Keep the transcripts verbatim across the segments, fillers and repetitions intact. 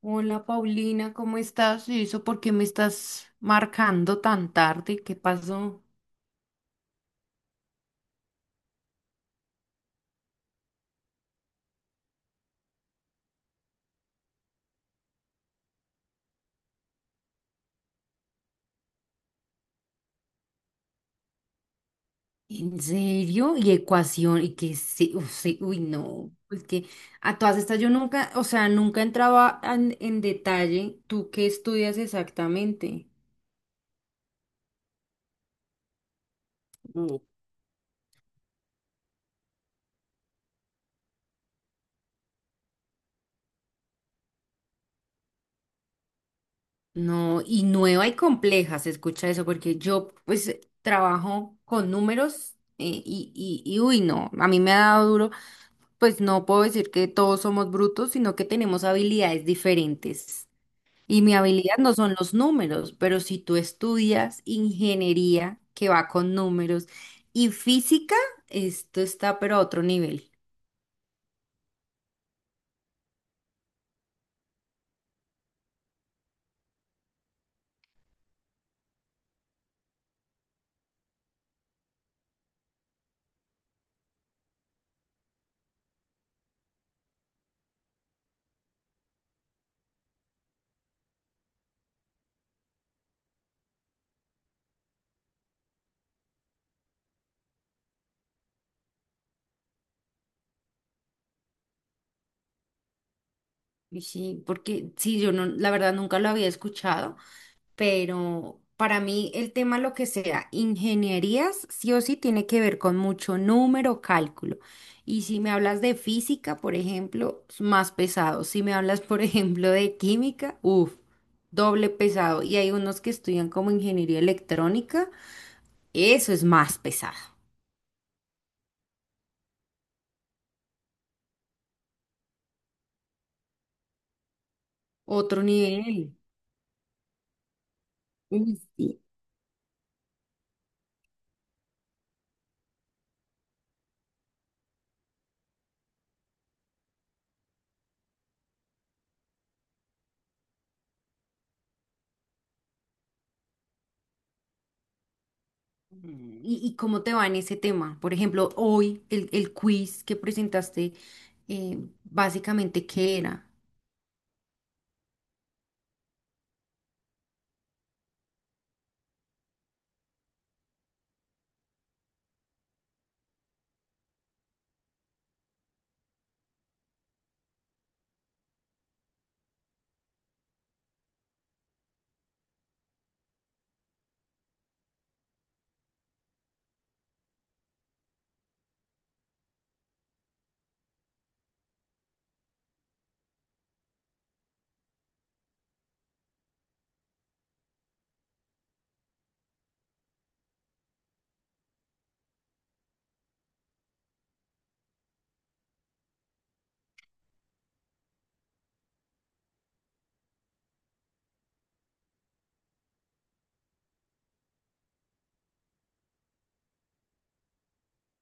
Hola Paulina, ¿cómo estás? ¿Y eso por qué me estás marcando tan tarde? ¿Qué pasó? ¿En serio? ¿Y ecuación? ¿Y que sí? Uf, sí. Uy, no. Pues que a todas estas yo nunca, o sea, nunca entraba en, en detalle. ¿Tú qué estudias exactamente? Mm. No, y nueva y compleja se escucha eso, porque yo pues trabajo con números eh, y, y, y uy, no, a mí me ha dado duro. Pues no puedo decir que todos somos brutos, sino que tenemos habilidades diferentes. Y mi habilidad no son los números, pero si tú estudias ingeniería que va con números y física, esto está pero a otro nivel. Y sí, porque sí, yo no, la verdad nunca lo había escuchado, pero para mí el tema, lo que sea, ingenierías, sí o sí tiene que ver con mucho número, cálculo. Y si me hablas de física, por ejemplo, es más pesado. Si me hablas, por ejemplo, de química, uff, doble pesado. Y hay unos que estudian como ingeniería electrónica, eso es más pesado. Otro nivel. Uy, sí. Mm. ¿Y, y cómo te va en ese tema? Por ejemplo, hoy el, el quiz que presentaste, eh, básicamente, ¿qué era?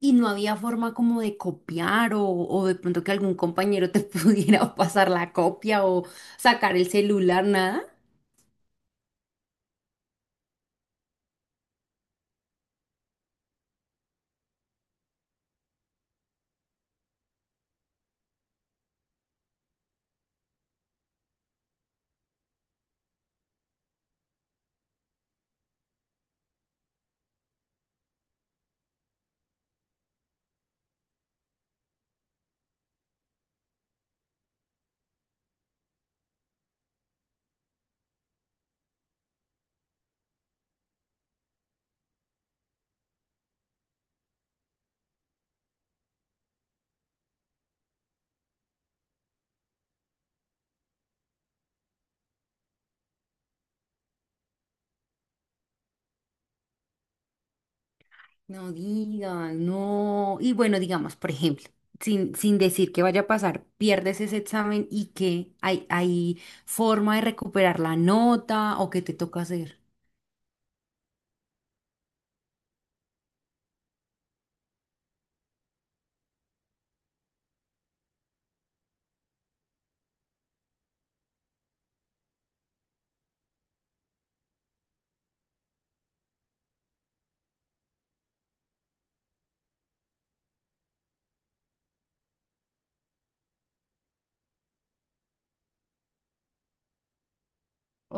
¿Y no había forma como de copiar o, o de pronto que algún compañero te pudiera pasar la copia o sacar el celular, nada? No digas, no. Y bueno, digamos, por ejemplo, sin, sin decir que vaya a pasar, pierdes ese examen, y que hay, hay forma de recuperar la nota o que te toca hacer.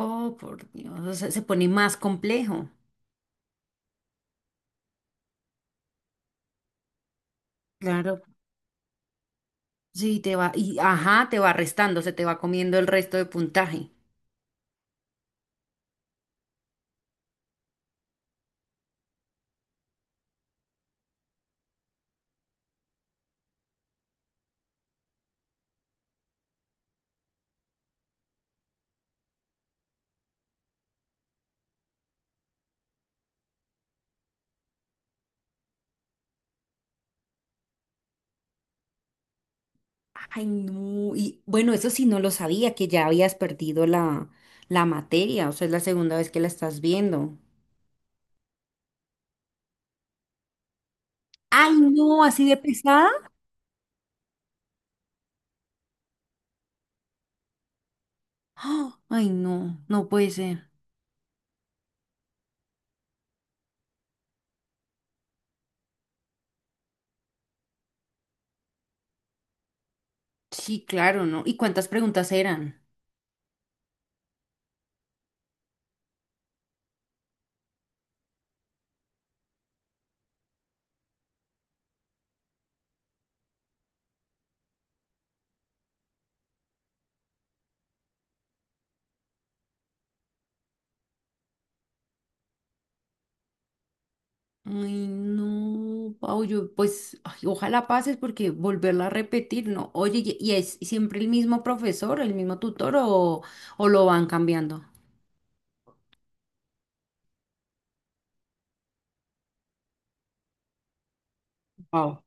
Oh, por Dios, o sea, se pone más complejo. Claro. Sí, te va, y ajá, te va restando, se te va comiendo el resto de puntaje. Ay, no. Y bueno, eso sí no lo sabía, que ya habías perdido la, la materia, o sea, es la segunda vez que la estás viendo. Ay, no, así de pesada. ¡Ah! Ay, no, no puede ser. Sí, claro, ¿no? ¿Y cuántas preguntas eran? Ay, no, Pau, yo pues, ay, ojalá pases, porque volverla a repetir, ¿no? Oye, ¿y y es siempre el mismo profesor, el mismo tutor o, o lo van cambiando? Wow.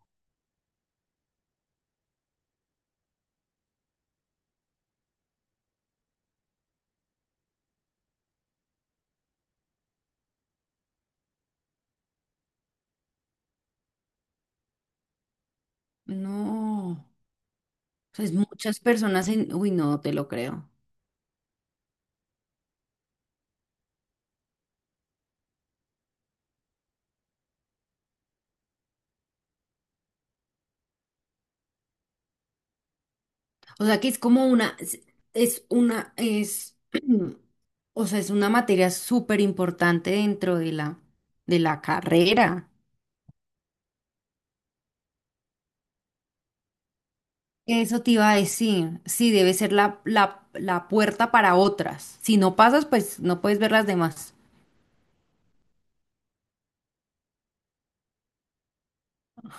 No, o sea, es muchas personas en... Uy, no te lo creo. O sea que es como una, es es una, es, o sea, es una materia súper importante dentro de la, de la carrera. Eso te iba a decir, sí, debe ser la, la, la puerta para otras. Si no pasas, pues no puedes ver las demás.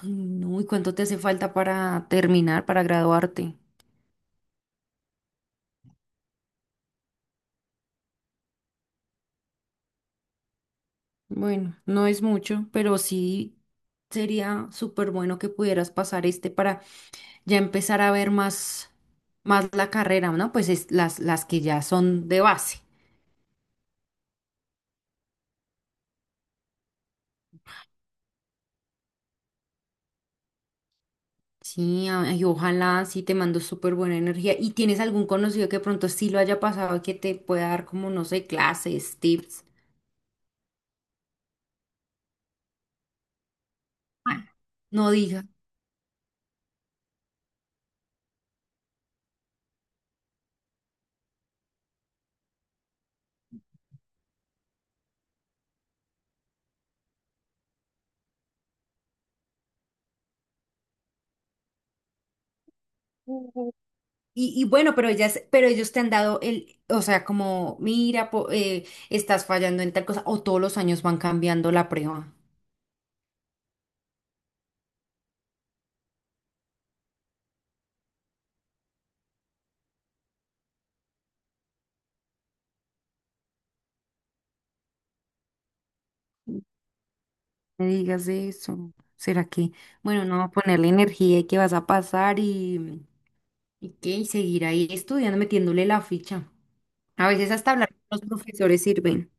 Ay, no, ¿y cuánto te hace falta para terminar, para graduarte? Bueno, no es mucho, pero sí sería súper bueno que pudieras pasar este para ya empezar a ver más, más la carrera, ¿no? Pues es las, las que ya son de base. Sí, ay, ojalá. Sí te mando súper buena energía. ¿Y tienes algún conocido que pronto sí lo haya pasado y que te pueda dar como, no sé, clases, tips? Ay. No diga. Y, y bueno, pero ellas, pero ellos te han dado el, o sea, como, mira, po- eh, estás fallando en tal cosa, o todos los años van cambiando la prueba. Me digas eso. ¿Será que, bueno, no, ponerle energía y que vas a pasar? y Y que y seguir ahí estudiando, metiéndole la ficha. A veces hasta hablar con los profesores sirven.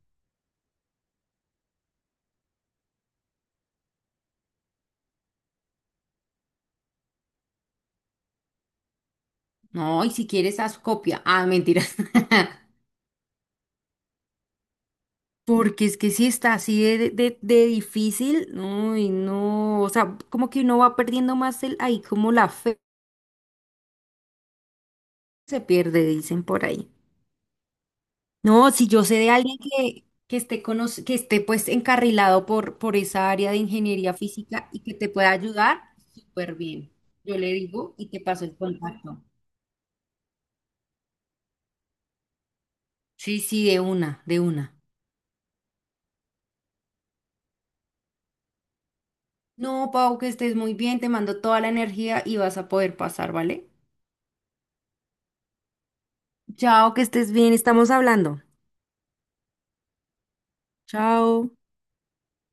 No, y si quieres, haz copia. Ah, mentiras. Porque es que si está así de, de, de difícil, no, y no, o sea, como que uno va perdiendo más el, ahí como la fe se pierde, dicen por ahí. No, si yo sé de alguien que, que esté conoc- que esté pues encarrilado por, por esa área de ingeniería física y que te pueda ayudar, súper bien. Yo le digo y te paso el contacto. Sí, sí, de una, de una. No, Pau, que estés muy bien, te mando toda la energía y vas a poder pasar, ¿vale? Chao, que estés bien, estamos hablando. Chao.